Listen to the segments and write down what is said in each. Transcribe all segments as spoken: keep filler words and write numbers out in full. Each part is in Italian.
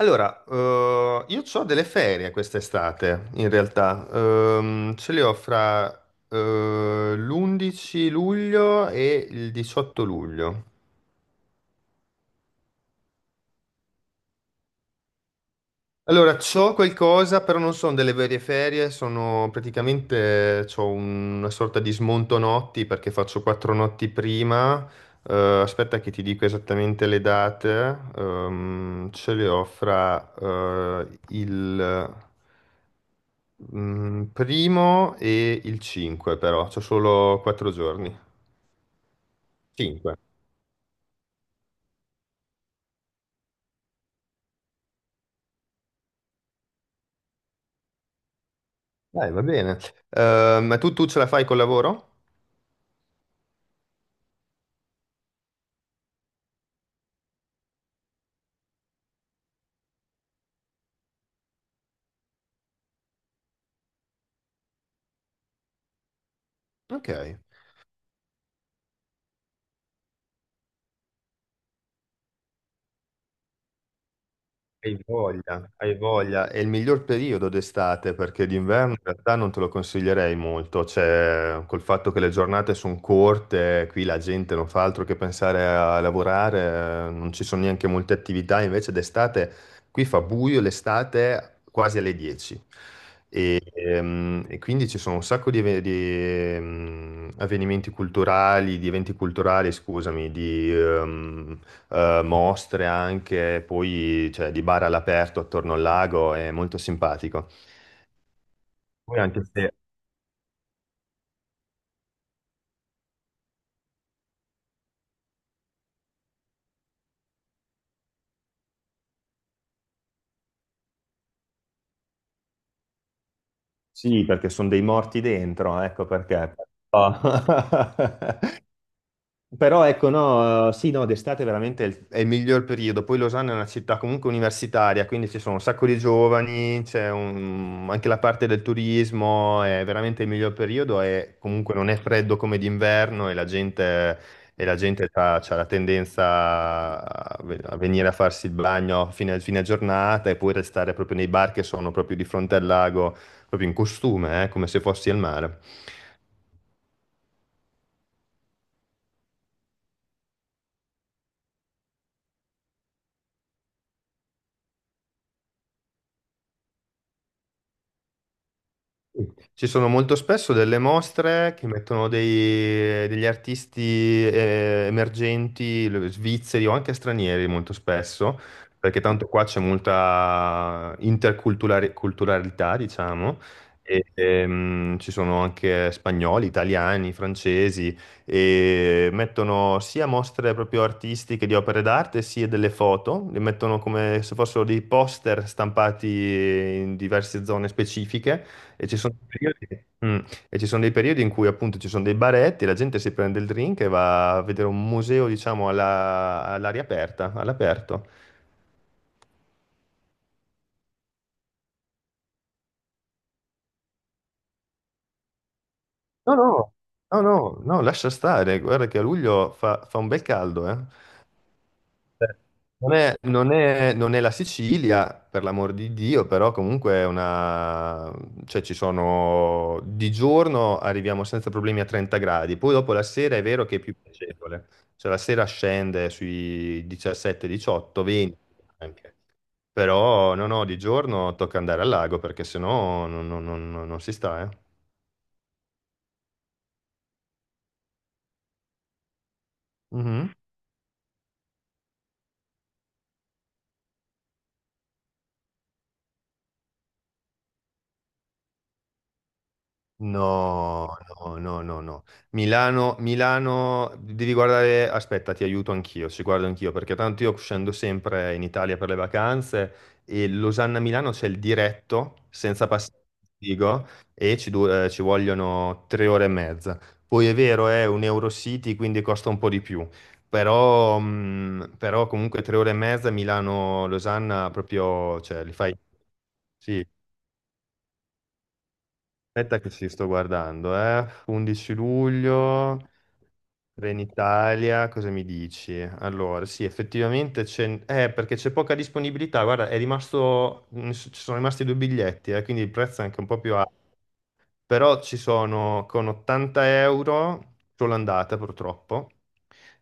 Allora, eh, io ho delle ferie quest'estate, in realtà. Ehm, ce le ho fra l'undici luglio e il diciotto luglio. Allora, c'ho qualcosa, però non sono delle vere ferie, sono praticamente, c'ho un- una sorta di smonto notti perché faccio quattro notti prima. Eh, Aspetta che ti dico esattamente le date. Ehm, ce le ho fra eh, il Mm, primo e il cinque però, c'ho solo quattro giorni. cinque. Dai, va bene. Eh, ma tu, tu ce la fai col lavoro? Ok. Hai voglia, hai voglia. È il miglior periodo d'estate perché d'inverno in realtà non te lo consiglierei molto. Cioè, col fatto che le giornate sono corte, qui la gente non fa altro che pensare a lavorare, eh, non ci sono neanche molte attività, invece d'estate... Qui fa buio l'estate quasi alle dieci e, ehm, e quindi ci sono un sacco di, ave- di, ehm, avvenimenti culturali, di eventi culturali, scusami, di ehm, eh, mostre anche, poi cioè, di bar all'aperto attorno al lago, è molto simpatico. Poi anche se... Sì, perché sono dei morti dentro, ecco perché. Però- Però ecco, no, eh, sì, no, d'estate veramente è il, è il miglior periodo. Poi Losanna è una città comunque universitaria, quindi ci sono un sacco di giovani, c'è un- anche la parte del turismo, è veramente il miglior periodo e comunque non è freddo come d'inverno e la gente, e la gente ha la tendenza a ve- a venire a farsi il bagno a fine, fine giornata e poi restare proprio nei bar che sono proprio di fronte al lago, proprio in costume, eh, come se fossi al mare. Sì. Ci sono molto spesso delle mostre che mettono dei- degli artisti eh, emergenti, lo- svizzeri o anche stranieri molto spesso, perché tanto qua c'è molta interculturalità, diciamo, e, ehm, ci sono anche spagnoli, italiani, francesi, e mettono sia mostre proprio artistiche di opere d'arte, sia delle foto, le mettono come se fossero dei poster stampati in diverse zone specifiche e ci sono dei periodi, mm, e ci sono dei periodi in cui appunto ci sono dei baretti, la gente si prende il drink e va a vedere un museo, diciamo, alla- all'aria aperta, all'aperto. No, no, no, no, no, lascia stare, guarda che a luglio fa, fa un bel caldo, eh. Cioè, Non è, non è- non è la Sicilia, per l'amor di Dio, però comunque è una... cioè ci sono... Di giorno arriviamo senza problemi a trenta gradi, poi dopo la sera è vero che è più piacevole, cioè la sera scende sui diciassette, diciotto, venti anche, però no, no, di giorno tocca andare al lago perché sennò non, non, non, non si sta, eh. Mhm. No, no, no, no, no. Milano, Milano, devi guardare, aspetta, ti aiuto anch'io, ci guardo anch'io, perché tanto io scendo sempre in Italia per le vacanze e Losanna-Milano c'è il diretto senza passare il Vigo e ci, du- eh, ci vogliono tre ore e mezza. Poi è vero, è un Eurocity, quindi costa un po' di più, però, mh, però comunque tre ore e mezza Milano-Losanna proprio, cioè, li fai... Sì, aspetta che ci sto guardando, eh. undici luglio, Trenitalia, cosa mi dici? Allora, sì, effettivamente c'è... Eh, perché c'è poca disponibilità. Guarda, è rimasto... mm, ci sono rimasti due biglietti, eh, quindi il prezzo è anche un po' più alto. Però ci sono con ottanta euro, solo andata purtroppo,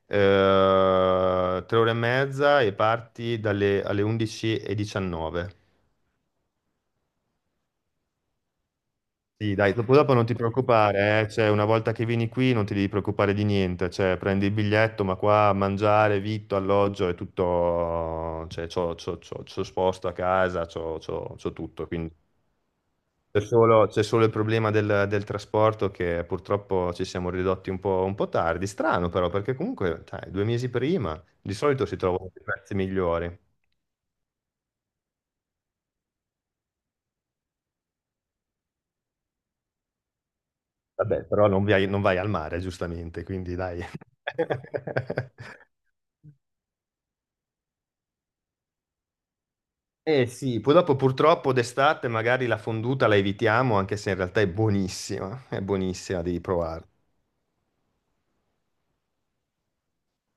eh, tre ore e mezza e parti dalle alle undici e diciannove. Sì, dai, dopo dopo non ti preoccupare, eh, cioè, una volta che vieni qui non ti devi preoccupare di niente, cioè, prendi il biglietto, ma qua mangiare, vitto, alloggio è tutto, cioè, c'ho, c'ho- c'ho- c'ho sposto a casa, c'ho, c'ho- c'ho tutto, quindi c'è solo, c'è solo il problema del, del trasporto che purtroppo ci siamo ridotti un po', un po' tardi, strano però, perché comunque, dai, due mesi prima di solito si trovano dei prezzi migliori, vabbè, però non vai, non vai al mare, giustamente, quindi dai. Eh sì, poi dopo purtroppo d'estate magari la fonduta la evitiamo, anche se in realtà è buonissima, è buonissima, devi provare.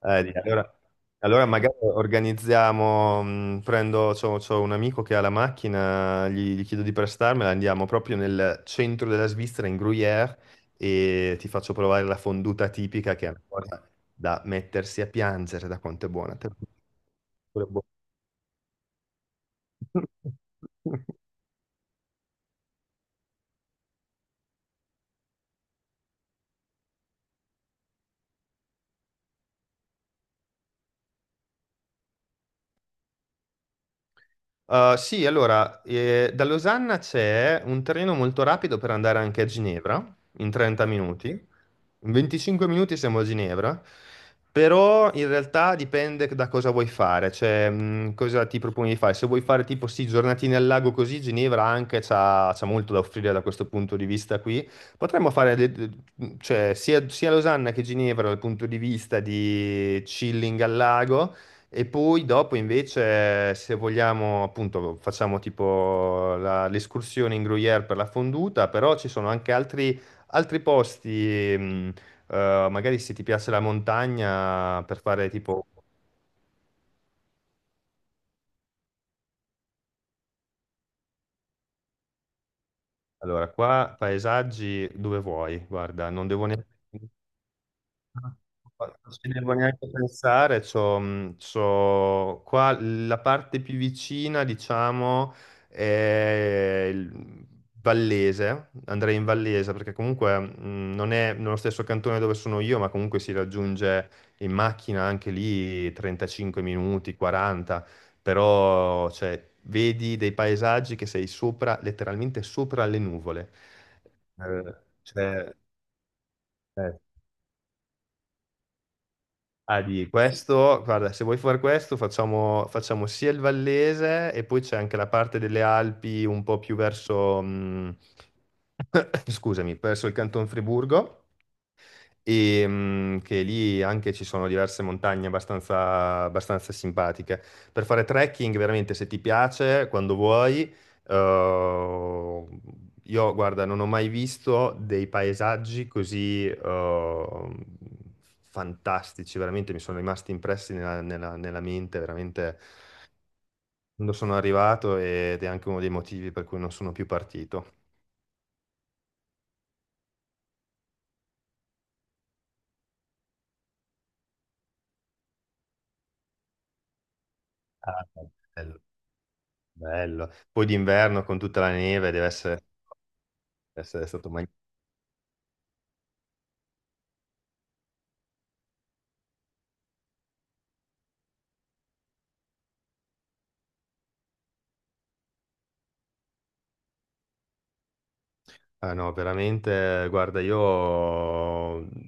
Eh, di- allora, allora magari organizziamo, mh, prendo, c'ho, c'ho un amico che ha la macchina, gli, gli chiedo di prestarmela, andiamo proprio nel centro della Svizzera, in Gruyère, e ti faccio provare la fonduta tipica, che è una cosa da mettersi a piangere, da quanto è buona. Te lo- te lo- Uh, sì, allora, eh, da Losanna c'è un treno molto rapido per andare anche a Ginevra, in trenta minuti. In venticinque minuti siamo a Ginevra, però in realtà dipende da cosa vuoi fare, cioè mh, cosa ti proponi di fare. Se vuoi fare tipo sì, giornatine al lago così, Ginevra anche c'ha, c'ha molto da offrire da questo punto di vista qui. Potremmo fare de- de- mhmm, cioè, sia, sia Losanna che Ginevra dal punto di vista di chilling al lago. E poi dopo invece, se vogliamo, appunto, facciamo tipo la- l'escursione in Gruyère per la fonduta, però ci sono anche altri, altri posti, mh, eh, magari se ti piace la montagna, per fare tipo, allora, qua paesaggi dove vuoi, guarda, non devo neanche... Non ci devo neanche pensare, c'ho, mh, c'ho- qua la parte più vicina, diciamo, è il Vallese, andrei in Vallese perché comunque mh, non è nello stesso cantone dove sono io, ma comunque si raggiunge in macchina anche lì trentacinque minuti, quaranta, però cioè, vedi dei paesaggi che sei sopra, letteralmente sopra le nuvole. Eh, cioè, eh, ah, di questo, guarda, se vuoi fare questo, facciamo, facciamo sia il Vallese e poi c'è anche la parte delle Alpi un po' più verso, mh, scusami, verso il Canton Friburgo e mh, che lì anche ci sono diverse montagne abbastanza, abbastanza simpatiche. Per fare trekking, veramente, se ti piace, quando vuoi, eh, io, guarda, non ho mai visto dei paesaggi così eh, fantastici, veramente mi sono rimasti impressi nella, nella- nella mente, veramente, quando sono arrivato ed è anche uno dei motivi per cui non sono più partito. Ah, bello, bello. Poi d'inverno con tutta la neve deve essere deve essere stato. Ah no, veramente, guarda, io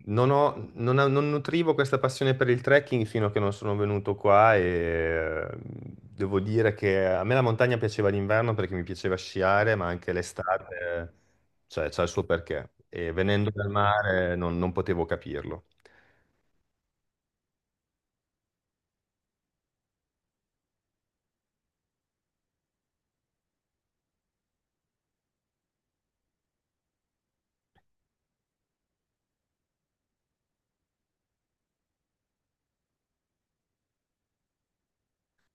non ho, non, ho- non nutrivo questa passione per il trekking fino a che non sono venuto qua e eh, devo dire che a me la montagna piaceva l'inverno perché mi piaceva sciare, ma anche l'estate, cioè, c'ha il suo perché. E venendo dal mare non non potevo capirlo.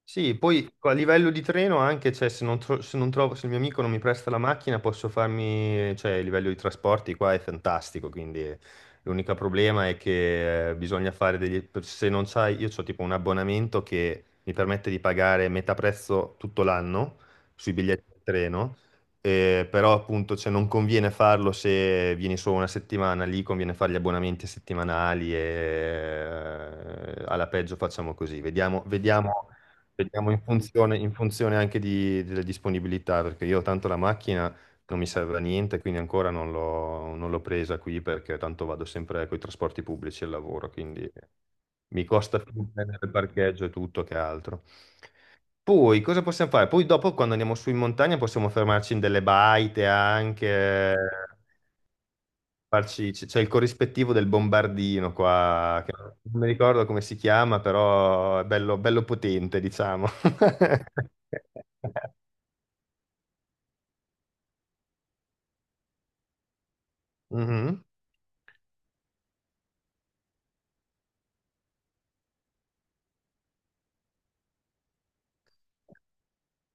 Sì, poi a livello di treno anche, cioè, se non, tro- se non trovo, se il mio amico non mi presta la macchina, posso farmi, cioè, il livello di trasporti qua è fantastico, quindi eh, l'unico problema è che eh, bisogna fare degli, per- se non sai, io ho tipo un abbonamento che mi permette di pagare metà prezzo tutto l'anno sui biglietti di treno, eh, però appunto, cioè, non conviene farlo se vieni solo una settimana, lì conviene fare gli abbonamenti settimanali e eh, alla peggio facciamo così, vediamo, vediamo. Vediamo in funzione, in funzione anche di- delle disponibilità, perché io tanto la macchina non mi serve a niente, quindi ancora non l'ho non l'ho presa qui perché tanto vado sempre con i trasporti pubblici al lavoro, quindi mi costa più prendere il parcheggio e tutto che altro. Poi cosa possiamo fare? Poi dopo quando andiamo su in montagna possiamo fermarci in delle baite anche, farci- c- c'è il corrispettivo del bombardino qua, che non mi ricordo come si chiama, però è bello, bello potente, diciamo. Mhm.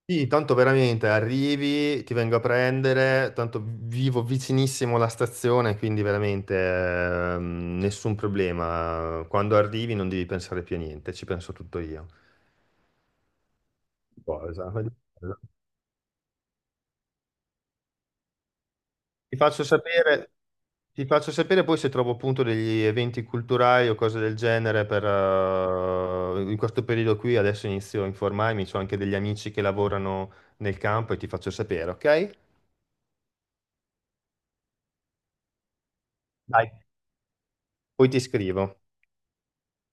Sì, tanto veramente arrivi, ti vengo a prendere, tanto vivo vicinissimo alla stazione, quindi veramente ehm, nessun problema. Quando arrivi non devi pensare più a niente, ci penso tutto io. Cosa? Ti faccio sapere, ti faccio sapere poi se trovo appunto degli eventi culturali o cose del genere per, eh, in questo periodo qui, adesso inizio a informarmi, ho anche degli amici che lavorano nel campo e ti faccio sapere, ok? Dai, poi ti scrivo.